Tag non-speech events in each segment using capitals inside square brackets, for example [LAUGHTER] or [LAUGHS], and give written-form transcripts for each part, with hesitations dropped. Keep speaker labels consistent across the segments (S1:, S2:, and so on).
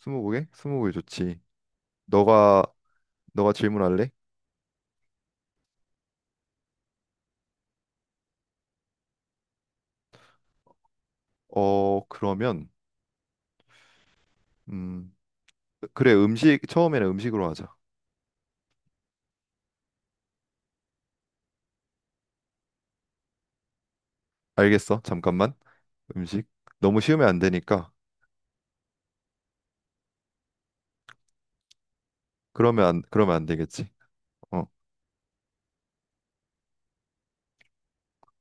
S1: 스무고개? 스무고개 좋지. 너가 너가 질문할래? 어, 그러면 음, 그래, 음식. 처음에는 음식으로 하자. 알겠어. 잠깐만. 음식 너무 쉬우면 안 되니까. 그러면 안 되겠지. 어,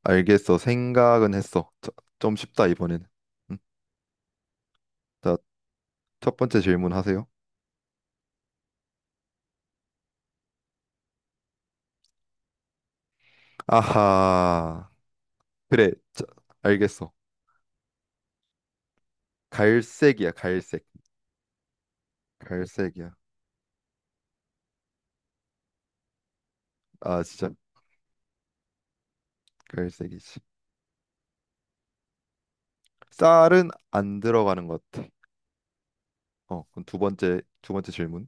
S1: 알겠어. 생각은 했어. 좀 쉽다 이번에는. 음, 자, 첫 번째 질문 하세요. 아하. 그래. 자, 알겠어. 갈색이야, 갈색. 갈색이야. 아, 진짜 갈색이지. 쌀은 안 들어가는 것 같아. 어, 그럼 두 번째 질문.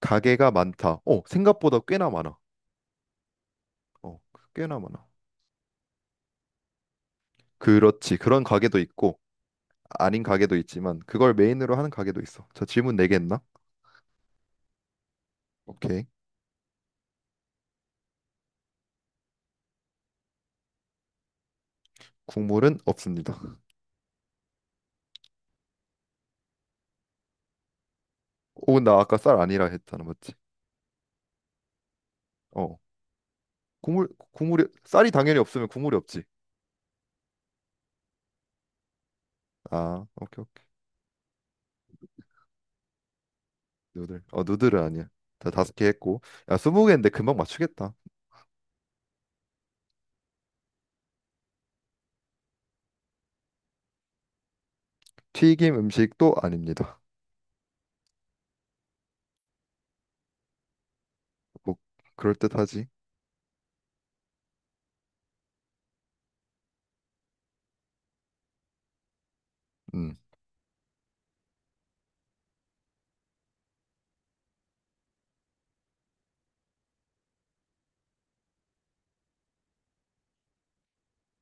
S1: 가게가 많다. 생각보다 꽤나 많아. 어, 꽤나 많아. 그렇지. 그런 가게도 있고, 아닌 가게도 있지만, 그걸 메인으로 하는 가게도 있어. 저 질문 네개 했나? 오케이. 국물은 없습니다. 오, 나 아까 쌀 아니라 했잖아. 맞지? 어. 쌀이 당연히 없으면 국물이 없지. 아, 오케이, 오케이. 누들. 누들은 아니야. 자, 다섯 개 했고. 야, 스무 개인데 금방 맞추겠다. 튀김 음식도 아닙니다. 뭐, 그럴듯하지. 음.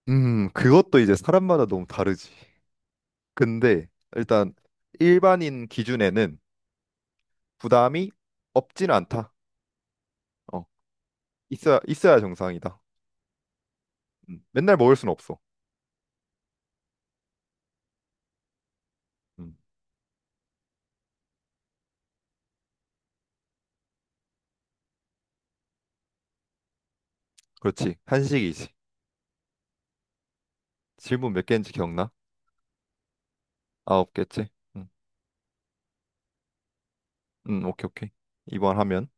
S1: 그것도 이제 사람마다 너무 다르지. 근데 일단 일반인 기준에는 부담이 없지는 않다. 어, 있어야 정상이다. 맨날 먹을 순 없어. 음, 그렇지. 한식이지. 질문 몇 개인지 기억나? 아홉 개지? 음, 오케이, 오케이. 이번 하면.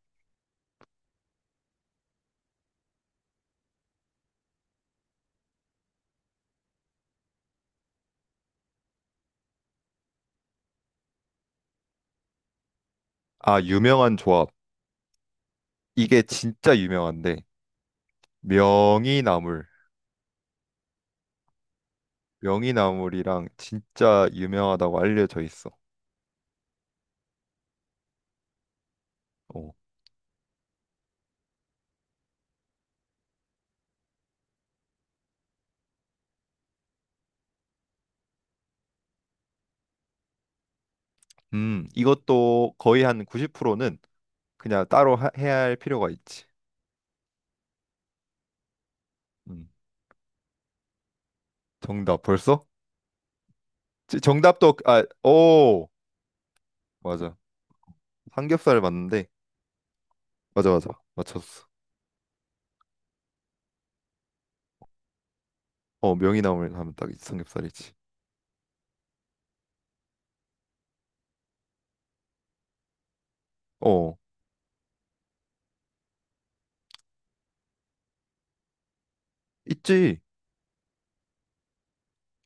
S1: 아, 유명한 조합. 이게 진짜 유명한데. 명이나물. 명이나물이랑 진짜 유명하다고 알려져 있어. 어. 이것도 거의 한 90%는 그냥 따로 해야 할 필요가 있지. 음. 정답 벌써? 정답도 아, 오 맞아. 삼겹살 맞는데 맞아, 맞아, 맞췄어. 어, 명이나물 하면 딱 삼겹살이지. 어, 있지.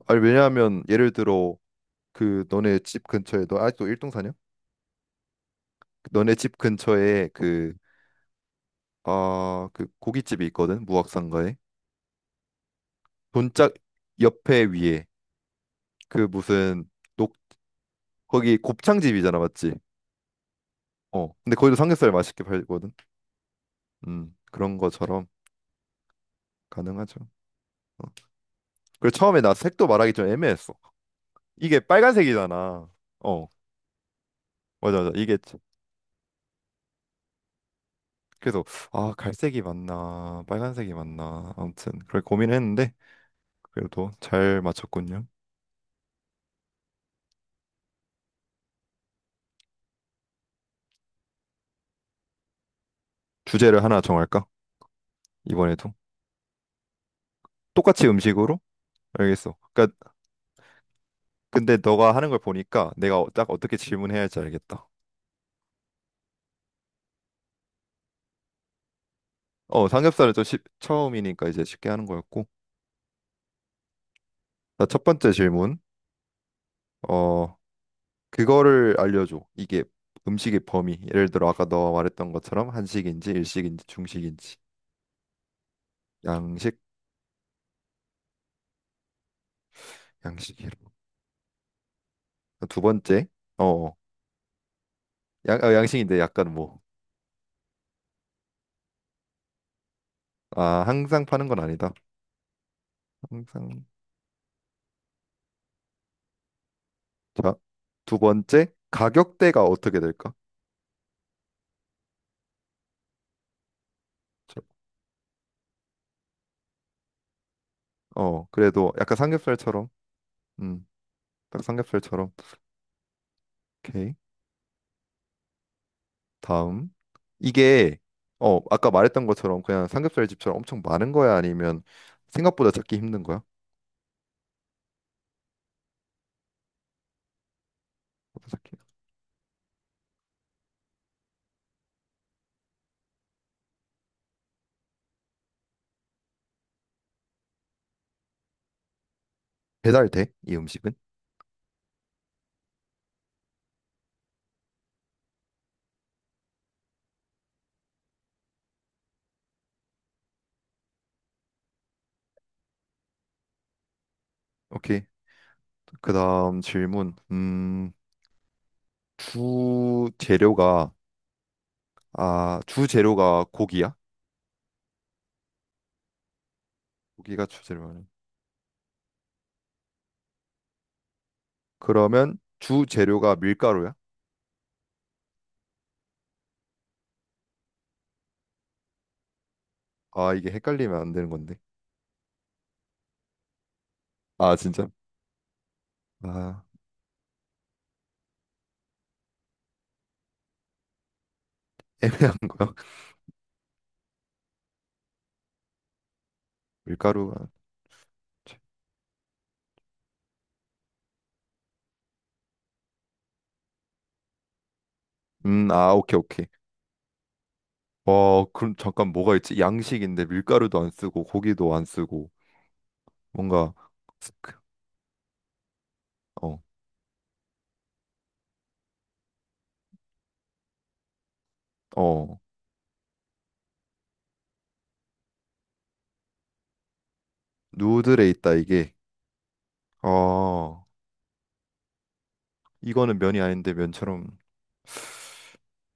S1: 아니, 왜냐하면 예를 들어 그 너네 집 근처에 너 아직도 일동 사냐? 너네 집 근처에 그 고깃집이 있거든. 무학상가에 돈짝 옆에 위에 그 무슨 녹 거기 곱창집이잖아, 맞지? 어, 근데 거기도 삼겹살 맛있게 팔거든. 그런 것처럼 가능하죠. 어. 그리고 처음에 나 색도 말하기 좀 애매했어. 이게 빨간색이잖아. 어, 맞아, 맞아. 그래서 아, 갈색이 맞나, 빨간색이 맞나. 아무튼 그렇게 고민했는데 그래도 잘 맞췄군요. 주제를 하나 정할까? 이번에도 똑같이 음식으로? 알겠어. 그러니까 근데 너가 하는 걸 보니까 내가 딱 어떻게 질문해야 할지 알겠다. 삼겹살은 좀 처음이니까 이제 쉽게 하는 거였고. 자, 첫 번째 질문. 어, 그거를 알려줘. 이게 음식의 범위. 예를 들어 아까 너와 말했던 것처럼 한식인지 일식인지 중식인지 양식 양식이로. 두 번째. 어 양식인데 약간 뭐 아, 항상 파는 건 아니다. 항상 자두 번째 가격대가 어떻게 될까? 저- 어, 그래도 약간 삼겹살처럼 음딱 삼겹살처럼. 오케이. 다음, 이게 아까 말했던 것처럼 그냥 삼겹살 집처럼 엄청 많은 거야, 아니면 생각보다 찾기 힘든 거야? 배달돼? 이 음식은? 오케이. 그다음 질문. 주 재료가, 아, 주 재료가 고기야? 고기가 주 재료야. 그러면 주 재료가 밀가루야? 아, 이게 헷갈리면 안 되는 건데. 아, 진짜? 아, 애매한 거야. [LAUGHS] 밀가루가. 아, 오케이, 오케이. 그럼 잠깐 뭐가 있지? 양식인데 밀가루도 안 쓰고 고기도 안 쓰고 뭔가 스- 어, 어, 누들에 있다 이게. 어. 이거는 면이 아닌데 면처럼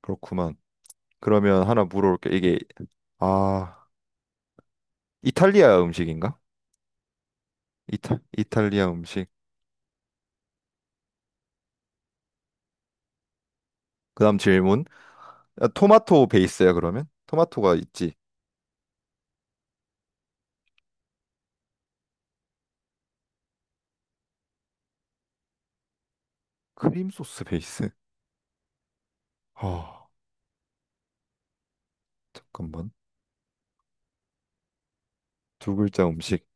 S1: 그렇구만. 그러면 하나 물어볼게. 이게 아, 이탈리아 음식인가? 이탈리아 음식. 그다음 질문. 아, 토마토 베이스야 그러면? 토마토가 있지. 크림 소스 베이스. 아, 잠깐만. 두 글자 음식.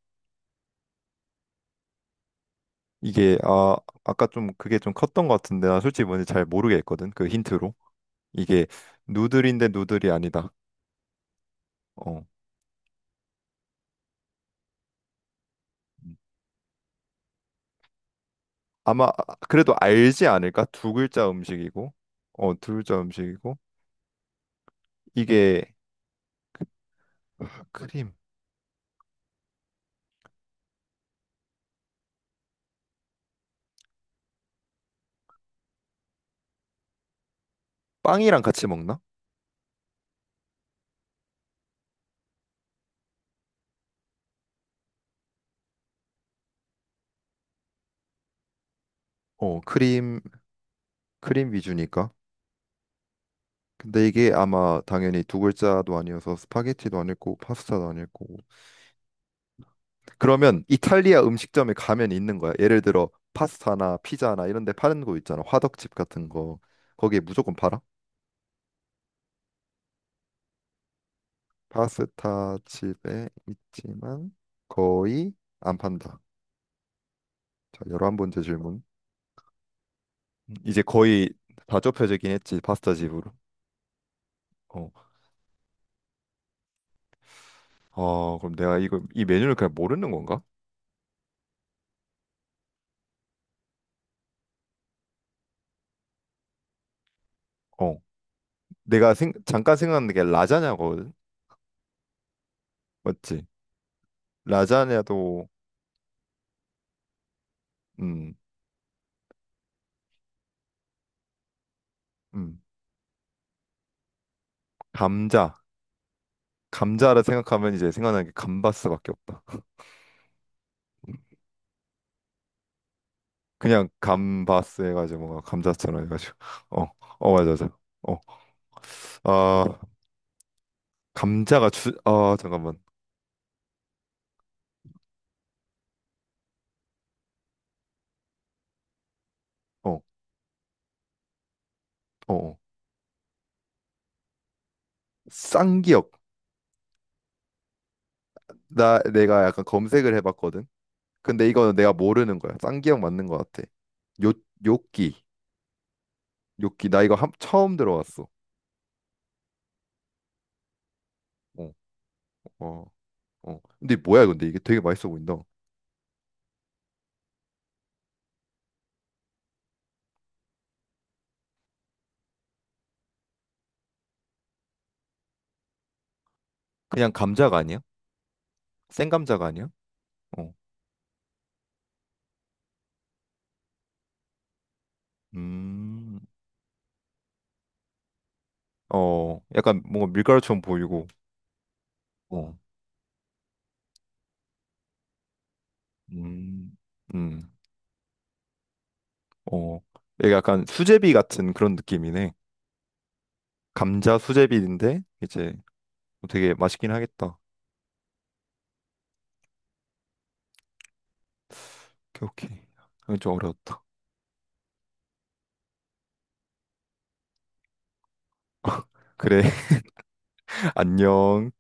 S1: 이게 아, 아까 좀 그게 좀 컸던 것 같은데 나 솔직히 뭔지 잘 모르겠거든, 그 힌트로. 이게 누들인데 누들이 아니다. 어. 아마 그래도 알지 않을까? 두 글자 음식이고, 두 글자 음식이고 이게 크림. 빵이랑 같이 먹나? 어, 크림 크림 위주니까. 근데 이게 아마 당연히 두 글자도 아니어서 스파게티도 아닐 거고 파스타도 아닐 거고. 그러면 이탈리아 음식점에 가면 있는 거야. 예를 들어 파스타나 피자나 이런 데 파는 거 있잖아. 화덕집 같은 거. 거기에 무조건 팔아? 파스타 집에 있지만 거의 안 판다. 자, 열한 번째 질문. 이제 거의 다 좁혀지긴 했지, 파스타 집으로. 어, 그럼 내가 이거 이 메뉴를 그냥 모르는 건가? 어, 내가 잠깐 생각난 게 라자냐거든. 맞지? 라자냐도. 음, 음, 감자, 감자를 생각하면 이제 생각나는 게 감바스밖에 없다. [LAUGHS] 그냥 감바스 해가지고 뭔가 감자처럼 해가지고 [LAUGHS] 어, 어, 맞아, 맞아. 어, 아, 감자가 아, 잠깐만. 어, 어, 어. 쌍기역. 나 내가 약간 검색을 해봤거든. 근데 이거는 내가 모르는 거야. 쌍기역 맞는 거 같아. 요 요끼 요끼. 나 이거 처음 들어봤어. 어, 어, 어. 근데 뭐야, 근데 이게 되게 맛있어 보인다. 그냥 감자가 아니야? 생감자가 아니야? 어, 음, 약간 뭔가 밀가루처럼 보이고. 어, 음, 음, 어. 이게 약간 수제비 같은 그런 느낌이네. 감자 수제비인데 이제 되게 맛있긴 하겠다. 오케이, 오케이. 이건 좀 어려웠다. 그래, [LAUGHS] 안녕.